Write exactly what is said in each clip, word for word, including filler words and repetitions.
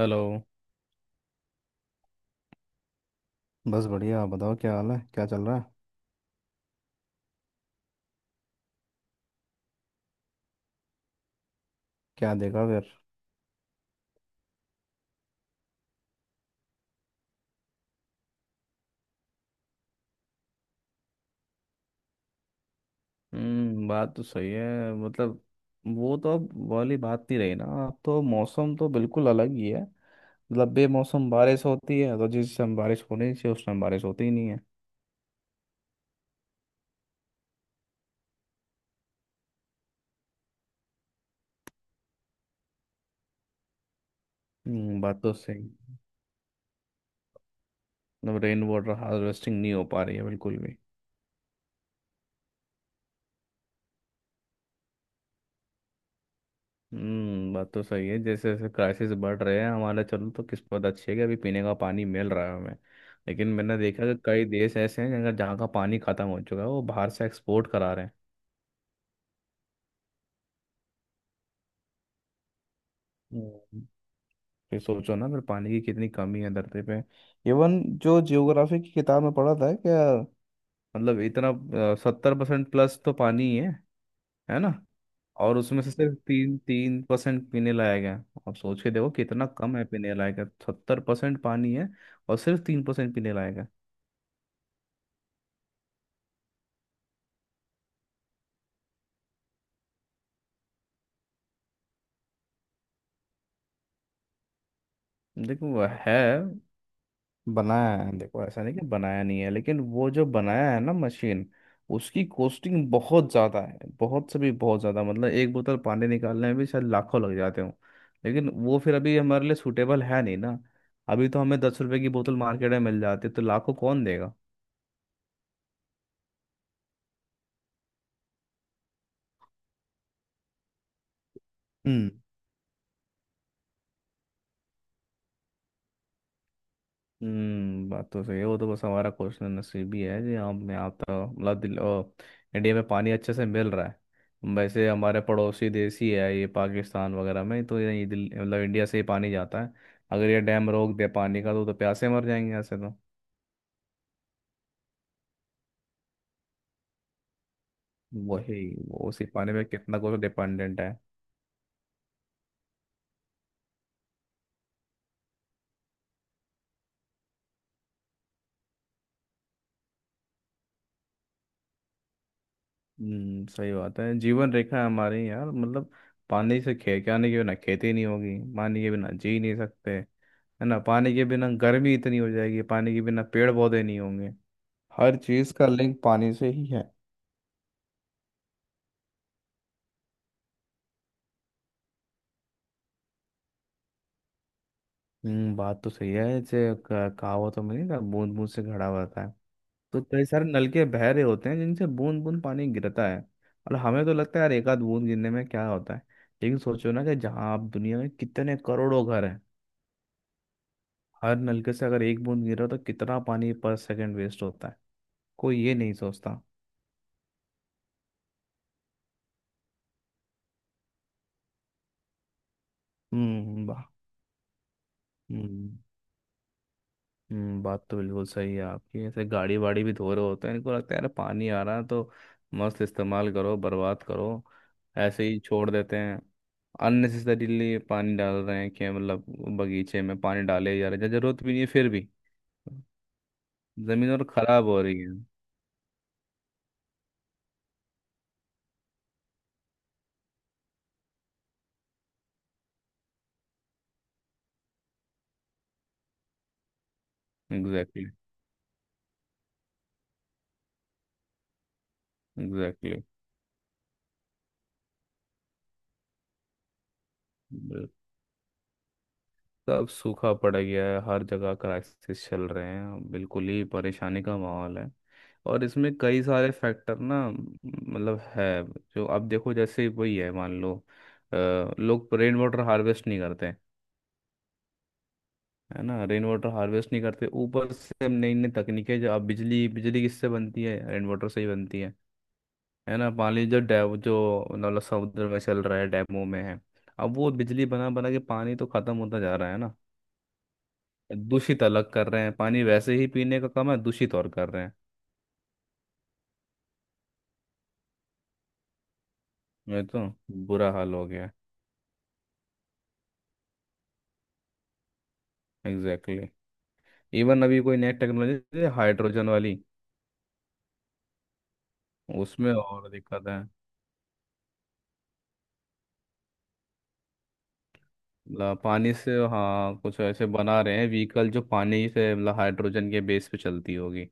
Hello. बस बढ़िया। आप बताओ, क्या हाल है, क्या चल रहा है? क्या देखा फिर? हम्म। बात तो सही है मतलब। वो तो अब वाली बात नहीं रही ना, अब तो मौसम तो बिल्कुल अलग ही है। मतलब बेमौसम बारिश होती है, तो जिस टाइम बारिश होनी चाहिए उस टाइम बारिश होती ही नहीं है। हम्म। बात तो सही। मतलब रेन वाटर हार्वेस्टिंग नहीं हो पा रही है बिल्कुल भी। हम्म। बात तो सही है। जैसे जैसे क्राइसिस बढ़ रहे हैं हमारा, चलो तो किस्मत अच्छी है कि अभी पीने का पानी मिल रहा है हमें। लेकिन मैंने देखा कि कई देश ऐसे हैं, जगह जहाँ का पानी खत्म हो चुका है, वो बाहर से एक्सपोर्ट करा रहे हैं। हम्म। फिर सोचो ना, फिर पानी की कितनी कमी है धरती पे। इवन जो जियोग्राफी की किताब में पढ़ा था क्या, मतलब इतना सत्तर परसेंट प्लस तो पानी ही है है ना। और उसमें से सिर्फ तीन तीन परसेंट पीने लायक है। आप सोच के देखो कितना कम है पीने लायक है, सत्तर परसेंट पानी है। और सिर्फ तीन परसेंट पीने लायक है। देखो वह है, बनाया है। देखो ऐसा नहीं कि बनाया नहीं है, लेकिन वो जो बनाया है ना मशीन, उसकी कॉस्टिंग बहुत ज़्यादा है, बहुत से भी बहुत ज़्यादा, मतलब एक बोतल पानी निकालने में भी शायद लाखों लग जाते हो। लेकिन वो फिर अभी हमारे लिए सूटेबल है नहीं ना। अभी तो हमें दस रुपए की बोतल मार्केट में मिल जाती है, तो लाखों कौन देगा। हम्म। बात तो सही है। वो तो बस हमारा क्वेश्चन नसीबी है जी, हमें आता मतलब दिल- ओ, इंडिया में पानी अच्छे से मिल रहा है वैसे। हमारे पड़ोसी देश ही है ये, पाकिस्तान वगैरह में तो ये दिल मतलब इंडिया से ही पानी जाता है। अगर ये डैम रोक दे पानी का तो, तो प्यासे मर जाएंगे ऐसे तो। वही। वो उसी पानी पे कितना कुछ डिपेंडेंट है। हम्म। सही बात है, जीवन रेखा है हमारी यार मतलब। पानी से खे क्या नहीं, के बिना खेती नहीं होगी, पानी के बिना जी नहीं सकते। है ना, पानी के बिना गर्मी इतनी हो जाएगी, पानी के बिना पेड़ पौधे नहीं होंगे। हर चीज का लिंक पानी से ही है। हम्म। बात तो सही है। जैसे क- कहावतों में नहीं था, बूंद बूंद से घड़ा भरता है। तो कई सारे नलके बह रहे होते हैं जिनसे बूंद बूंद पानी गिरता है। और हमें तो लगता है यार, एक आध बूंद गिरने में क्या होता है। लेकिन सोचो ना, कि जहाँ आप दुनिया में कितने करोड़ों घर हैं, हर नलके से अगर एक बूंद गिर रहा हो तो कितना पानी पर सेकंड वेस्ट होता है। कोई ये नहीं सोचता। हम्म। वाह। हम्म। हम्म, बात तो बिल्कुल सही है आपकी। ऐसे गाड़ी वाड़ी भी धो रहे होते हैं, इनको लगता है यार पानी आ रहा है तो मस्त इस्तेमाल करो, बर्बाद करो। ऐसे ही छोड़ देते हैं। अननेसेसरीली पानी डाल रहे हैं कि मतलब, बगीचे में पानी डाले जा रहे हैं, जरूरत भी नहीं है फिर भी। जमीन और खराब हो रही है। Exactly, exactly. सब सूखा पड़ गया है, हर जगह क्राइसिस चल रहे हैं, बिल्कुल ही परेशानी का माहौल है। और इसमें कई सारे फैक्टर ना मतलब है। जो अब देखो जैसे वही है मान लो, अ, लोग रेन वाटर हार्वेस्ट नहीं करते। है ना, रेन वाटर हार्वेस्ट नहीं करते, ऊपर से नई नई तकनीकें, जो अब बिजली बिजली किससे बनती है? रेन वाटर से ही बनती है। है ना, पानी जो डैम जो मतलब समुद्र में चल रहा है डैमों में है। अब वो बिजली बना बना के पानी तो खत्म होता जा रहा है ना। दूषित अलग कर रहे हैं, पानी वैसे ही पीने का कम है, दूषित और कर रहे हैं। मैं तो, बुरा हाल हो गया। Exactly exactly। इवन अभी कोई नई टेक्नोलॉजी हाइड्रोजन वाली, उसमें और दिक्कत है। ला- पानी से हाँ, कुछ ऐसे बना रहे हैं व्हीकल, जो पानी से मतलब हाइड्रोजन के बेस पे चलती होगी।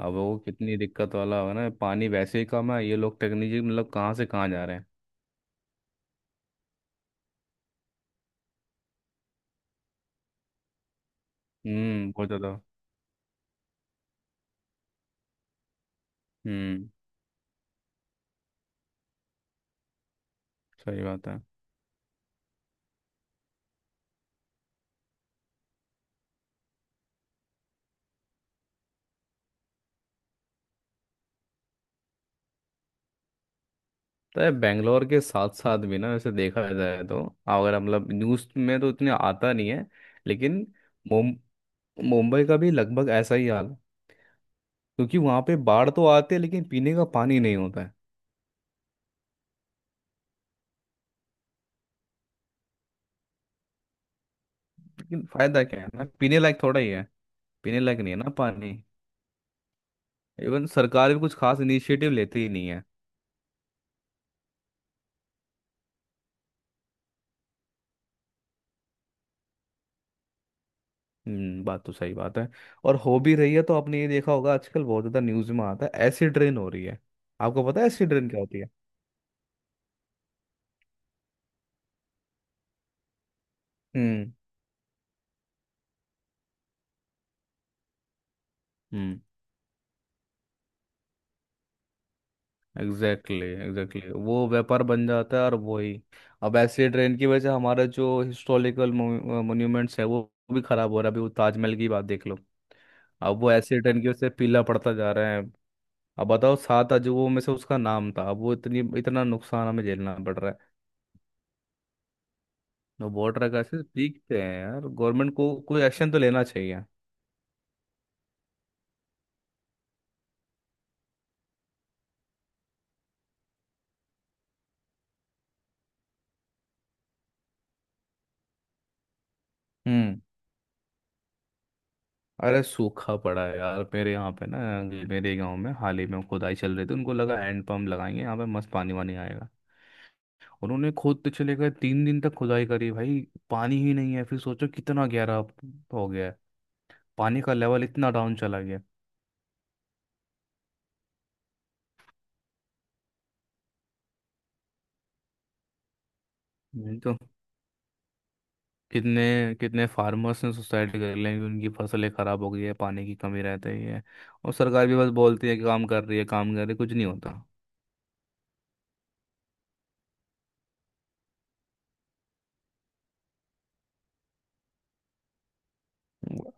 अब वो कितनी दिक्कत वाला होगा ना, पानी वैसे ही कम है, ये लोग टेक्नोलॉजी मतलब कहाँ से कहाँ जा रहे हैं। हम्म। बहुत ज़्यादा। हम्म। सही बात है। तो बेंगलोर के साथ साथ भी ना वैसे देखा जाए तो, अगर मतलब न्यूज़ में तो इतने आता नहीं है, लेकिन मुम- मुंबई का भी लगभग ऐसा ही हाल है। क्योंकि वहाँ पे बाढ़ तो आती है, लेकिन पीने का पानी नहीं होता है। लेकिन फायदा क्या है ना, पीने लायक थोड़ा ही है। पीने लायक नहीं है ना पानी। इवन सरकार भी कुछ खास इनिशिएटिव लेती ही नहीं है। हम्म। बात तो सही बात है। और हो भी रही है तो आपने ये देखा होगा, आजकल बहुत ज़्यादा न्यूज़ में आता है, एसिड रेन हो रही है। आपको पता है एसिड रेन क्या होती है? हम्म। Exactly exactly, exactly exactly। वो व्यापार बन जाता है और वही। अब ऐसे ट्रेन की वजह से हमारा जो हिस्टोरिकल मोन्यूमेंट्स है वो भी खराब हो रहा है, अभी वो ताजमहल की बात देख लो। अब वो ऐसे ट्रेन की वजह से पीला पड़ता जा रहा है। अब बताओ, सात अजूबों में से उसका नाम था, अब वो इतनी इतना नुकसान हमें झेलना पड़ रहा है। तो वाटर का ऐसे पीकते हैं यार, गवर्नमेंट को कोई एक्शन तो लेना चाहिए। हम्म। अरे सूखा पड़ा है यार मेरे यहाँ पे ना। मेरे गांव में हाल ही में खुदाई चल रही थी, उनको लगा हैंड पंप लगाएंगे यहाँ पे मस्त पानी वानी आएगा। उन्होंने खोदते चले गए, तीन दिन तक खुदाई करी भाई। पानी ही नहीं है, फिर सोचो कितना गहरा हो गया है। पानी का लेवल इतना डाउन चला गया। नहीं तो कितने कितने फार्मर्स ने सुसाइड कर लिया, कि उनकी फसलें खराब हो गई है, पानी की कमी रहती है। और सरकार भी बस बोलती है कि काम कर रही है, काम कर रही है, कुछ नहीं होता।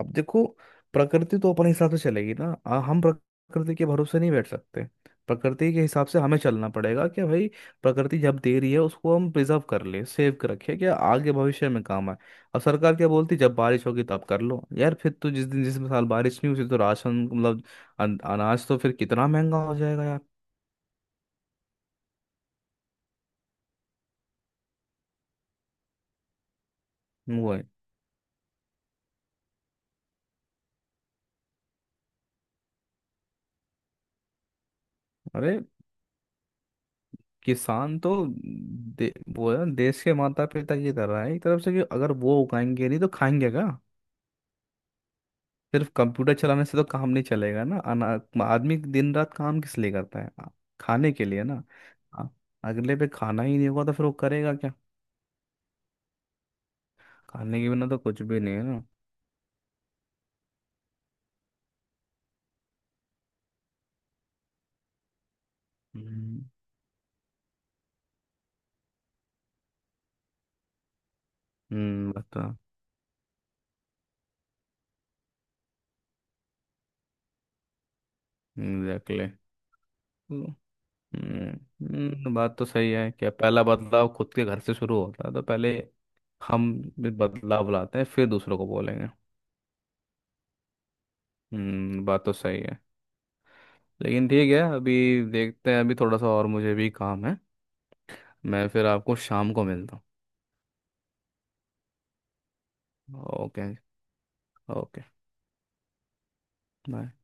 अब देखो, प्रकृति तो अपने हिसाब से चलेगी ना, आ, हम प्रकृति के भरोसे नहीं बैठ सकते। प्रकृति के हिसाब से हमें चलना पड़ेगा कि भाई, प्रकृति जब दे रही है उसको हम प्रिजर्व कर ले, सेव कर रखे, क्या आगे भविष्य में काम आए। अब सरकार क्या बोलती, जब बारिश होगी तब कर लो यार, फिर तो जिस दिन जिस साल बारिश नहीं हुई तो राशन मतलब, अन- अनाज तो फिर कितना महंगा हो जाएगा यार। वो है। अरे किसान तो दे, वो है देश के माता पिता की तरह है एक तरफ से, कि अगर वो उगाएंगे नहीं तो खाएंगे क्या। सिर्फ कंप्यूटर चलाने से तो काम नहीं चलेगा ना, अना आदमी दिन रात काम किस लिए करता है? आ- खाने के लिए ना। आ- अगले पे खाना ही नहीं होगा तो फिर वो करेगा क्या। खाने के बिना तो कुछ भी नहीं है ना। हम्म। हम्म, बता एग्जैक्टली। हम्म। हम्म, बात तो सही है। क्या पहला बदलाव खुद के घर से शुरू होता है? तो पहले हम भी बदलाव लाते हैं, फिर दूसरों को बोलेंगे। हम्म। बात तो सही है। लेकिन ठीक है, अभी देखते हैं, अभी थोड़ा सा, और मुझे भी काम है। मैं फिर आपको शाम को मिलता हूँ। ओके। ओके। बाय।